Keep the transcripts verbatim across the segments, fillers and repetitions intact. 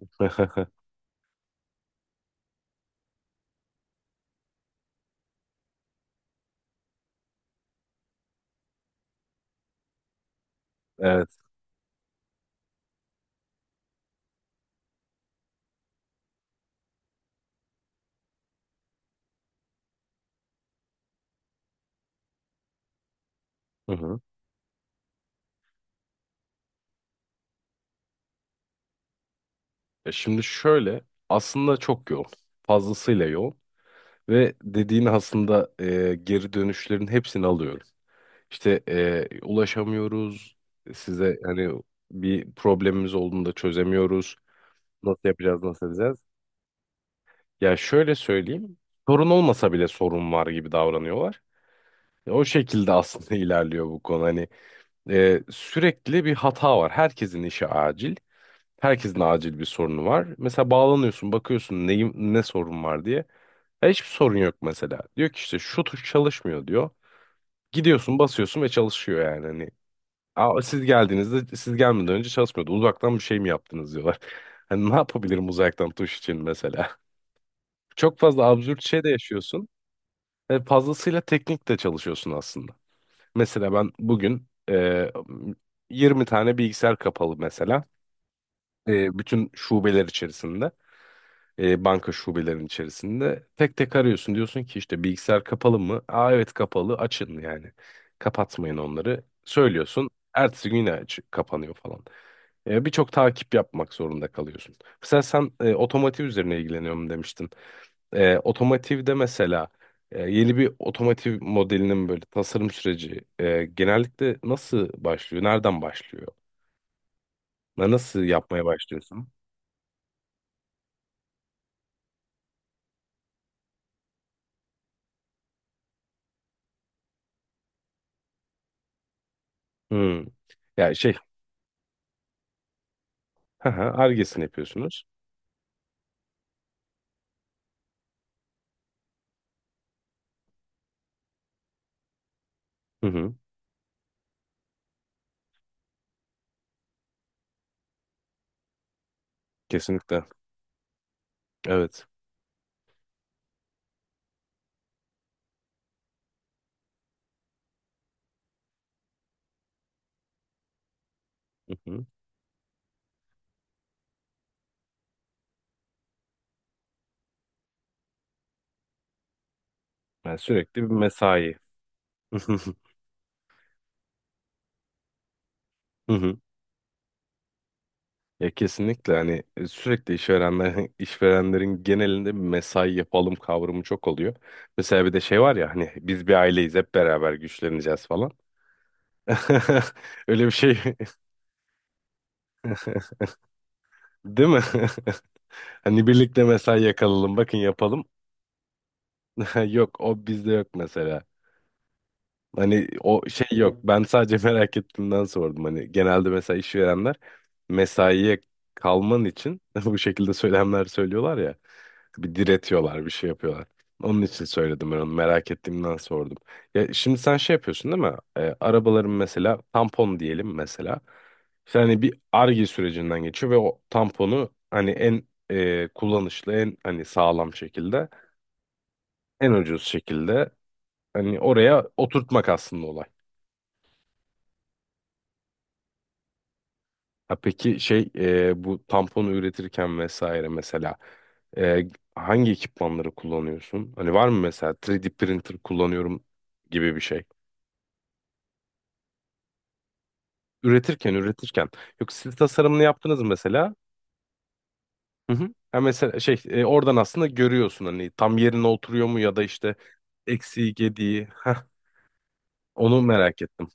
Evet. Hı hı. E Şimdi şöyle aslında çok yoğun. Fazlasıyla yoğun. Ve dediğin aslında e, geri dönüşlerin hepsini alıyorum. İşte e, ulaşamıyoruz. Size hani bir problemimiz olduğunda çözemiyoruz. Nasıl yapacağız, nasıl edeceğiz? Ya şöyle söyleyeyim. Sorun olmasa bile sorun var gibi davranıyorlar. E, o şekilde aslında ilerliyor bu konu. Hani e, sürekli bir hata var. Herkesin işi acil. Herkesin acil bir sorunu var. Mesela bağlanıyorsun, bakıyorsun neyim, ne sorun var diye. Ya hiçbir sorun yok mesela. Diyor ki işte şu tuş çalışmıyor diyor. Gidiyorsun, basıyorsun ve çalışıyor yani. Hani aa, siz geldiğinizde siz gelmeden önce çalışmıyordu. Uzaktan bir şey mi yaptınız diyorlar. Hani ne yapabilirim uzaktan tuş için mesela? Çok fazla absürt şey de yaşıyorsun. Ve fazlasıyla teknik de çalışıyorsun aslında. Mesela ben bugün e, yirmi tane bilgisayar kapalı mesela. E, bütün şubeler içerisinde. E, banka şubelerinin içerisinde. Tek tek arıyorsun diyorsun ki işte bilgisayar kapalı mı? Aa evet kapalı açın yani. Kapatmayın onları. Söylüyorsun. Ertesi gün yine aç, kapanıyor falan. E, birçok takip yapmak zorunda kalıyorsun. Mesela sen e, otomotiv üzerine ilgileniyorum demiştin. E, otomotivde mesela e, yeni bir otomotiv modelinin böyle tasarım süreci e, genellikle nasıl başlıyor? Nereden başlıyor? Na- Nasıl yapmaya başlıyorsun? Hmm. Ya şey, hı hı, Ar-Ge'sini yapıyorsunuz. Hı hı. Kesinlikle. Evet. Hı hı. Yani sürekli bir mesai. Hı hı. Hı hı. Ya kesinlikle hani e, sürekli işverenler, işverenlerin genelinde bir mesai yapalım kavramı çok oluyor. Mesela bir de şey var ya hani biz bir aileyiz hep beraber güçleneceğiz falan. Öyle bir şey değil mi? Hani birlikte mesai yakalalım bakın yapalım. Yok o bizde yok mesela. Hani o şey yok. Ben sadece merak ettiğimden sordum. Hani genelde mesela işverenler mesaiye kalman için bu şekilde söylemler söylüyorlar ya. Bir diretiyorlar, bir şey yapıyorlar. Onun için söyledim ben onu. Merak ettiğimden sordum. Ya şimdi sen şey yapıyorsun değil mi? E, arabaların mesela tampon diyelim mesela. İşte hani bir arge sürecinden geçiyor ve o tamponu hani en e, kullanışlı, en hani sağlam şekilde, en ucuz şekilde hani oraya oturtmak aslında olay. Ha peki şey e, bu tamponu üretirken vesaire mesela e, hangi ekipmanları kullanıyorsun? Hani var mı mesela üç D printer kullanıyorum gibi bir şey. Üretirken üretirken. Yok siz tasarımını yaptınız mı mesela. Hı hı. Ha mesela şey e, oradan aslında görüyorsun hani tam yerine oturuyor mu ya da işte eksiği gediği. Heh, onu merak ettim.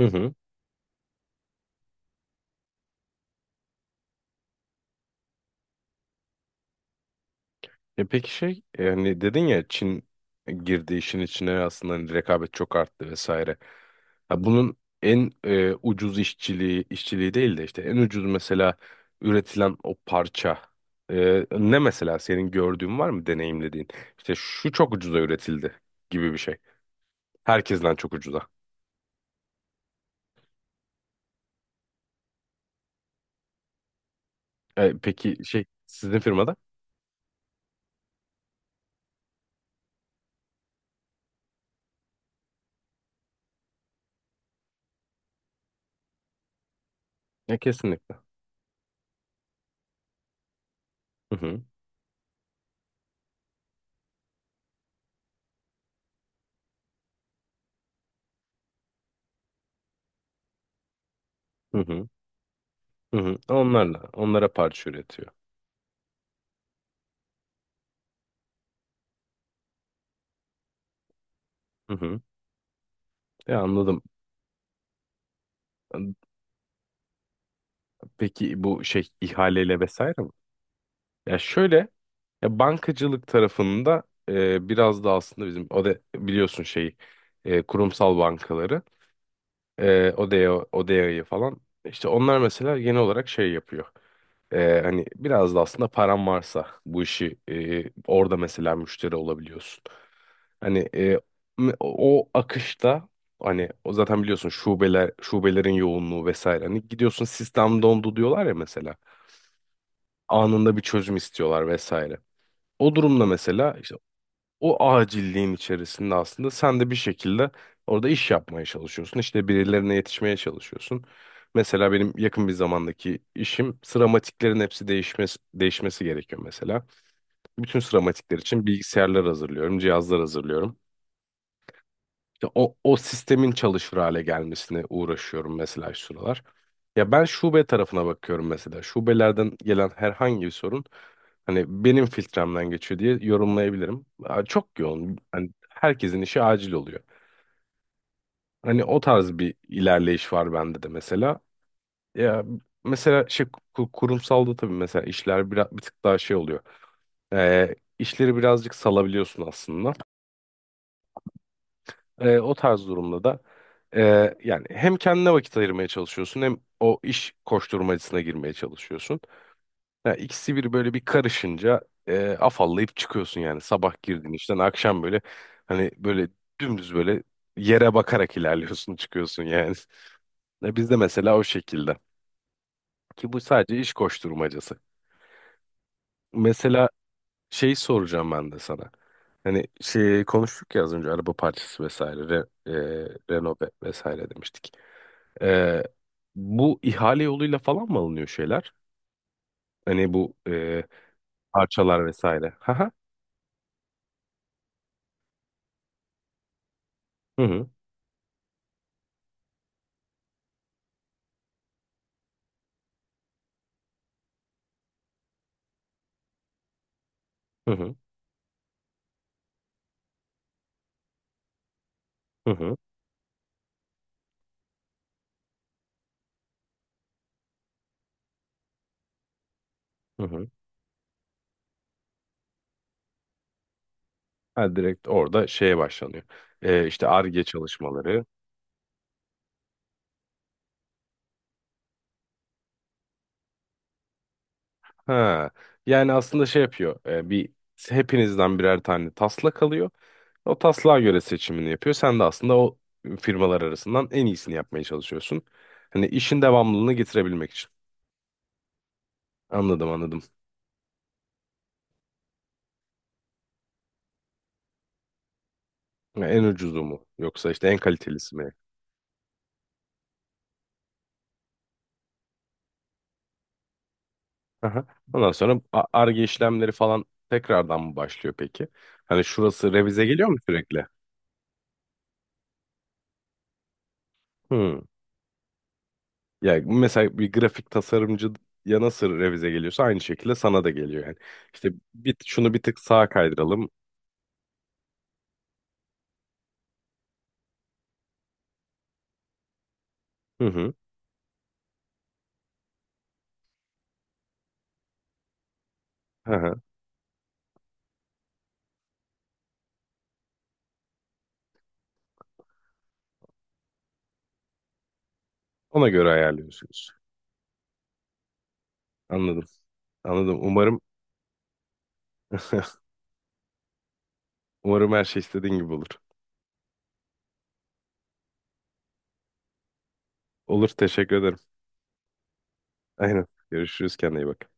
Hı hı. E peki şey yani dedin ya Çin girdi işin içine aslında hani rekabet çok arttı vesaire. Ha, bunun en e, ucuz işçiliği işçiliği değil de işte en ucuz mesela üretilen o parça, e, ne mesela senin gördüğün var mı deneyimlediğin? İşte şu çok ucuza üretildi gibi bir şey. Herkesten çok ucuza. E, peki şey sizin firmada? E, kesinlikle. Hı hı. Hı hı. Hı hı. Onlarla onlara parça üretiyor. Hı hı. Ya anladım. Peki bu şey ihaleyle vesaire mi? Ya şöyle ya bankacılık tarafında e, biraz da aslında bizim O D E biliyorsun şeyi e, kurumsal bankaları e, O D E'ye O D E'yi falan işte onlar mesela genel olarak şey yapıyor. E, hani biraz da aslında paran varsa bu işi e, orada mesela müşteri olabiliyorsun. Hani e, m- o akışta hani o zaten biliyorsun şubeler şubelerin yoğunluğu vesaire. Hani gidiyorsun sistem dondu diyorlar ya mesela anında bir çözüm istiyorlar vesaire. O durumda mesela işte o acilliğin içerisinde aslında sen de bir şekilde orada iş yapmaya çalışıyorsun. İşte birilerine yetişmeye çalışıyorsun. Mesela benim yakın bir zamandaki işim sıramatiklerin hepsi değişmesi, değişmesi gerekiyor mesela. Bütün sıramatikler için bilgisayarlar hazırlıyorum, cihazlar hazırlıyorum. Ya o, o sistemin çalışır hale gelmesine uğraşıyorum mesela şu sıralar. Ya ben şube tarafına bakıyorum mesela. Şubelerden gelen herhangi bir sorun hani benim filtremden geçiyor diye yorumlayabilirim. Aa, çok yoğun. Hani herkesin işi acil oluyor. Hani o tarz bir ilerleyiş var bende de mesela. Ya mesela şey ku- kurumsalda tabii mesela işler biraz bir tık daha şey oluyor. Ee, işleri birazcık salabiliyorsun aslında. E, o tarz durumda da e, yani hem kendine vakit ayırmaya çalışıyorsun hem o iş koşturmacasına girmeye çalışıyorsun. Ya ikisi bir böyle bir karışınca e, afallayıp çıkıyorsun yani sabah girdiğin işten akşam böyle hani böyle dümdüz böyle yere bakarak ilerliyorsun çıkıyorsun yani. Ya bizde mesela o şekilde ki bu sadece iş koşturmacası. Mesela şey soracağım ben de sana. Hani şey konuştuk ya az önce araba parçası vesaire, re, e, Renault ve- vesaire demiştik. Ee, Bu ihale yoluyla falan mı alınıyor şeyler? Hani bu e, parçalar vesaire. Haha. Hı hı. Hı hı. Hı hı. Hı hı. Ha, direkt orada şeye başlanıyor. Ee, işte Ar-Ge çalışmaları. Ha. Yani aslında şey yapıyor. E, bir hepinizden birer tane taslak alıyor. O taslağa göre seçimini yapıyor. Sen de aslında o firmalar arasından en iyisini yapmaya çalışıyorsun. Hani işin devamlılığını getirebilmek için. Anladım, anladım. Ya en ucuzu mu? Yoksa işte en kalitelisi mi? Aha. Ondan sonra A- Ar-Ge işlemleri falan tekrardan mı başlıyor peki? Hani şurası revize geliyor mu sürekli? Hmm. Ya mesela bir grafik tasarımcı ya nasıl revize geliyorsa aynı şekilde sana da geliyor yani. İşte bir, şunu bir tık sağa kaydıralım. Hı hı. Hı hı. Ona göre ayarlıyorsunuz. Anladım. Anladım. Umarım umarım her şey istediğin gibi olur. Olur. Teşekkür ederim. Aynen. Görüşürüz. Kendine iyi bak.